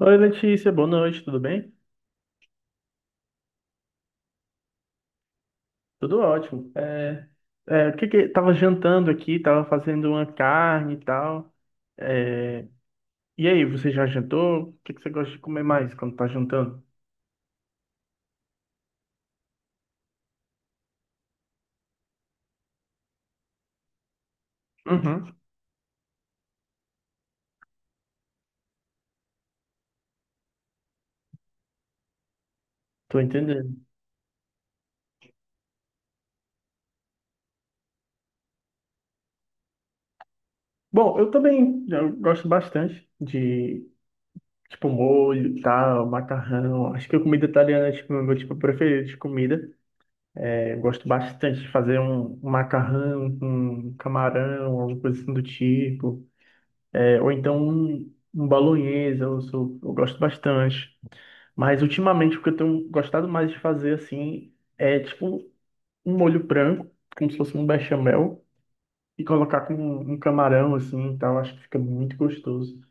Oi, Letícia, boa noite, tudo bem? Tudo ótimo. O que que tava jantando aqui, tava fazendo uma carne e tal. É, e aí, você já jantou? O que que você gosta de comer mais quando tá jantando? Uhum. Tô entendendo. Bom, eu também eu gosto bastante de tipo molho, e tal, macarrão. Acho que a comida italiana é tipo, o meu tipo preferido de comida. É, eu gosto bastante de fazer um macarrão com camarão, alguma coisa assim do tipo. É, ou então um bolonhesa, eu gosto bastante. Mas ultimamente o que eu tenho gostado mais de fazer assim é tipo um molho branco, como se fosse um bechamel, e colocar com um camarão assim e tal. Acho que fica muito gostoso.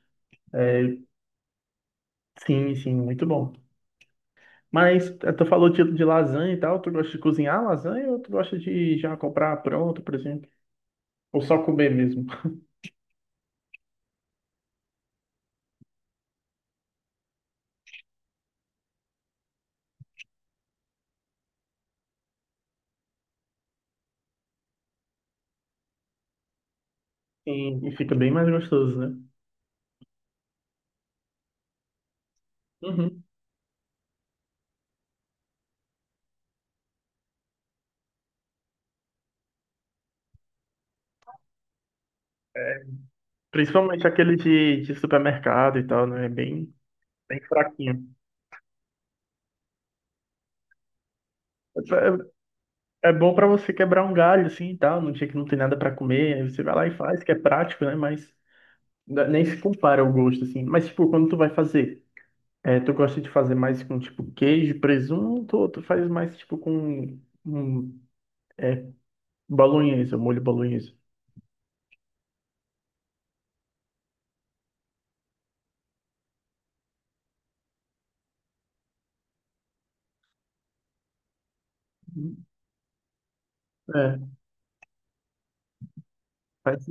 Sim, sim, muito bom. Mas tu falou de lasanha e tal, tu gosta de cozinhar lasanha ou tu gosta de já comprar pronto, por exemplo? Ou só comer mesmo? Sim, e fica bem mais gostoso, né? Uhum. Principalmente aquele de supermercado e tal, né? É bem, bem fraquinho. É, é bom pra você quebrar um galho, assim, e tal, num dia que não tem nada pra comer, aí você vai lá e faz, que é prático, né? Mas nem se compara o gosto, assim. Mas, tipo, quando tu vai fazer, é, tu gosta de fazer mais com, tipo, queijo, presunto, ou tu faz mais, tipo, com um bolonhesa, molho bolonhesa? É, faz-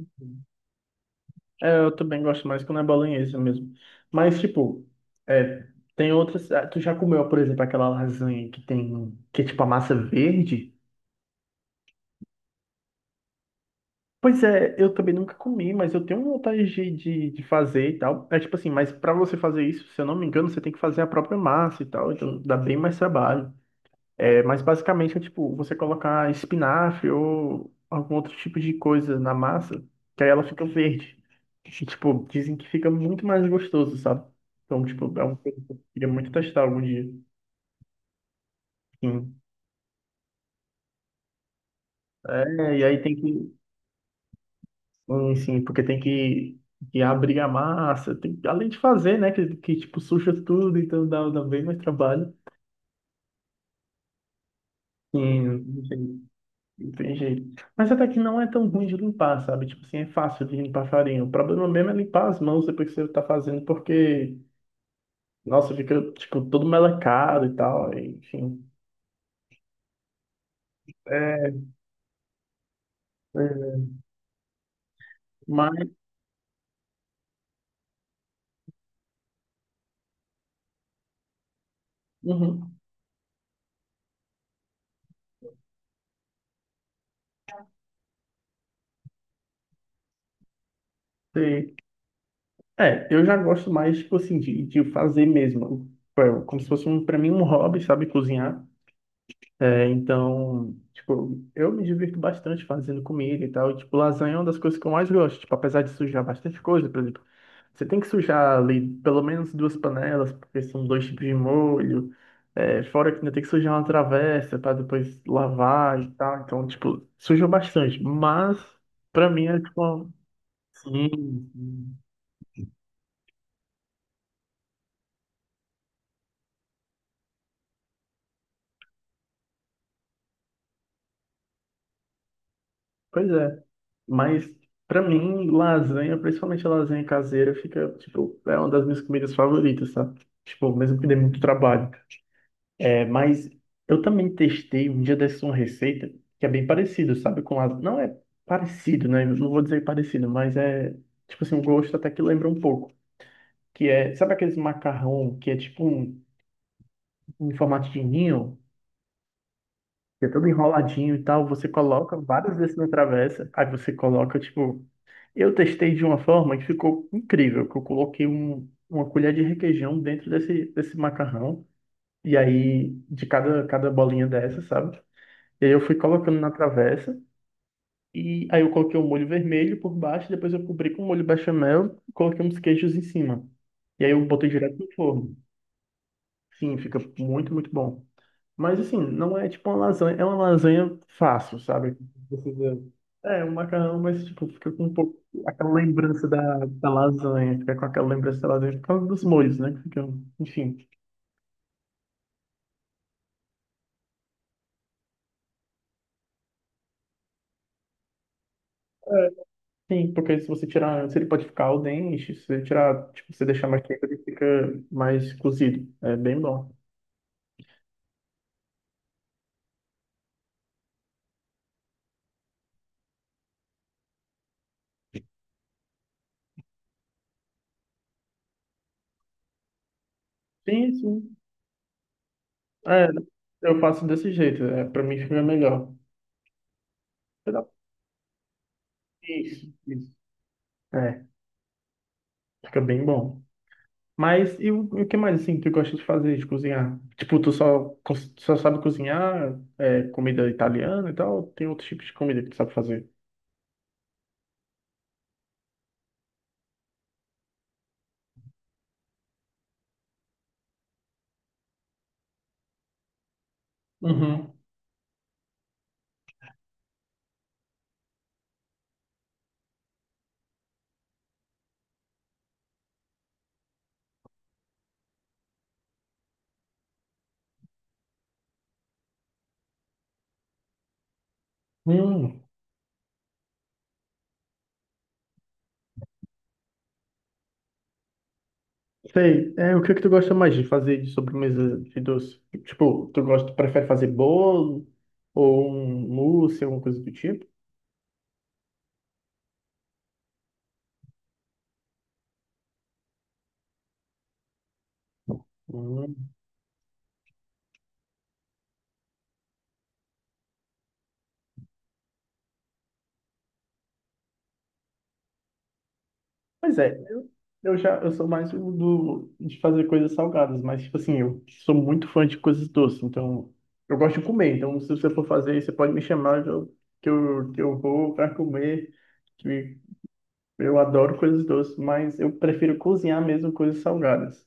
é, eu também gosto mais quando é bolonhesa mesmo. Mas, tipo, é, tem outras... Ah, tu já comeu, por exemplo, aquela lasanha que tem... Que é, tipo, a massa verde? Pois é, eu também nunca comi, mas eu tenho vontade de fazer e tal. É tipo assim, mas pra você fazer isso, se eu não me engano, você tem que fazer a própria massa e tal, então dá bem mais trabalho. É, mas basicamente é tipo, você colocar espinafre ou algum outro tipo de coisa na massa, que aí ela fica verde. E, tipo, dizem que fica muito mais gostoso, sabe? Então, tipo, é um que eu queria muito testar algum dia. Sim. É, e aí tem que sim, sim, porque tem que abrir a massa, tem, além de fazer, né? Que tipo, suja tudo, então dá bem mais trabalho. Sim, não tem jeito. Mas até que não é tão ruim de limpar, sabe? Tipo assim, é fácil de limpar farinha. O problema mesmo é limpar as mãos depois que você tá fazendo, porque, nossa, fica, tipo, todo melecado e tal, e, enfim. É, pois é. Mas, uhum, sei. É, eu já gosto mais, tipo assim, de fazer mesmo. Tipo, é como se fosse, um, pra mim, um hobby, sabe? Cozinhar. É, então, tipo, eu me divirto bastante fazendo comida e tal. Tipo, lasanha é uma das coisas que eu mais gosto. Tipo, apesar de sujar bastante coisa, por exemplo, você tem que sujar ali pelo menos duas panelas, porque são dois tipos de molho. É, fora que ainda tem que sujar uma travessa para depois lavar e tal. Então, tipo, suja bastante. Mas, pra mim, é tipo, sim, sim. Pois é. Mas pra mim, lasanha, principalmente a lasanha caseira, fica, tipo, é uma das minhas comidas favoritas, sabe? Tipo, mesmo que dê muito trabalho. É, mas eu também testei um dia dessa uma receita que é bem parecido, sabe? Com lasanha. Não é parecido, né? Eu não vou dizer parecido, mas é, tipo assim, o gosto até que lembra um pouco. Que é, sabe aqueles macarrão que é tipo um, em formato de ninho? Que é todo enroladinho e tal, você coloca várias vezes na travessa, aí você coloca, tipo, eu testei de uma forma que ficou incrível, que eu coloquei uma colher de requeijão dentro desse macarrão, e aí de cada bolinha dessa, sabe? E aí eu fui colocando na travessa, e aí eu coloquei o molho vermelho por baixo, depois eu cobri com molho bechamel, e coloquei uns queijos em cima. E aí eu botei direto no forno. Sim, fica muito, muito bom. Mas assim, não é tipo uma lasanha, é uma lasanha fácil, sabe? Precisa- É, um macarrão, mas tipo, fica com um pouco aquela lembrança da lasanha, fica com aquela lembrança da lasanha por causa dos molhos, né? Que ficam, enfim. Sim, porque se você tirar, se ele pode ficar al dente, se você tirar, tipo, você deixar mais quente, ele fica mais cozido. É bem bom. Sim, sim. É, eu faço desse jeito, é, pra mim fica melhor. Você dá- Isso, isso. É, fica bem bom. Mas e o que mais assim tu gosta de fazer, de cozinhar? Tipo, tu só, só sabe cozinhar é, comida italiana e tal? Ou tem outros tipos de comida que tu sabe fazer? Uhum. Hum, sei. É, o que é que tu gosta mais de fazer de sobremesa de doce? Tipo, tu gosta, prefere fazer bolo ou um mousse, alguma coisa do tipo? Pois é, eu já eu sou mais o do de fazer coisas salgadas, mas tipo assim, eu sou muito fã de coisas doces, então eu gosto de comer, então se você for fazer, você pode me chamar que eu vou para comer, que eu adoro coisas doces, mas eu prefiro cozinhar mesmo coisas salgadas.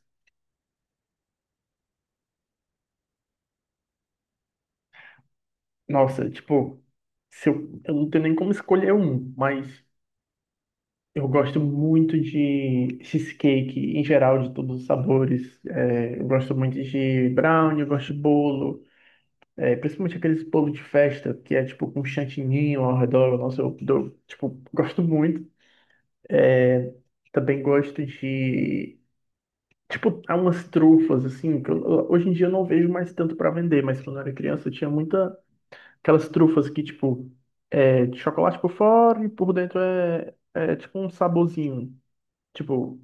Nossa, tipo, se eu não tenho nem como escolher um, mas eu gosto muito de cheesecake em geral, de todos os sabores. É, eu gosto muito de brownie, eu gosto de bolo. É principalmente aqueles bolo de festa que é tipo com um chantininho ao redor. Nossa, tipo, gosto muito. Também gosto de. Tipo, há umas trufas, assim, hoje em dia eu não vejo mais tanto pra vender, mas quando eu era criança eu tinha muita. Aquelas trufas que, tipo, é de chocolate por fora e por dentro é tipo um saborzinho. Tipo,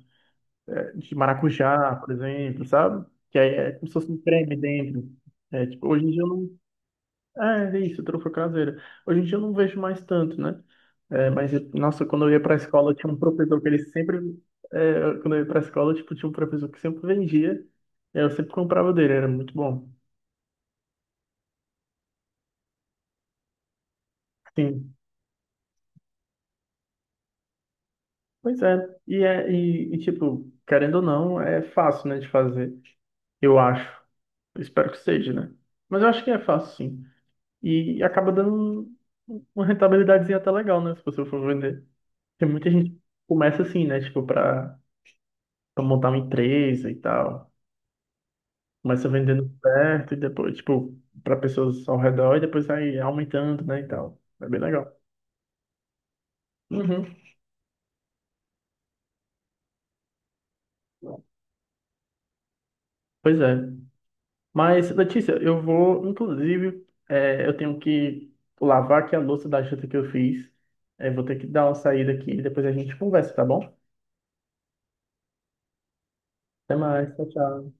é, de maracujá, por exemplo, sabe? Que aí é como se fosse um creme dentro. É, tipo, hoje em dia eu não. É, é isso, trufa caseira. Hoje em dia eu não vejo mais tanto, né? É, mas, nossa, quando eu ia pra escola, tinha um professor que ele sempre. É, quando eu ia pra escola, tipo, tinha um professor que sempre vendia. Eu sempre comprava dele, era muito bom. Sim. Pois é. Tipo, querendo ou não, é fácil, né, de fazer. Eu acho. Eu espero que seja, né? Mas eu acho que é fácil, sim. E acaba dando uma rentabilidadezinha até legal, né? Se você for vender. Tem muita gente que começa assim, né? Tipo, pra montar uma empresa e tal. Começa vendendo perto e depois, tipo, pra pessoas ao redor e depois vai aumentando, né, e tal. É bem legal. Uhum. Pois é. Mas, Letícia, eu vou, inclusive, eu tenho que lavar aqui a louça da janta que eu fiz. É, vou ter que dar uma saída aqui e depois a gente conversa, tá bom? Até mais, tchau, tchau.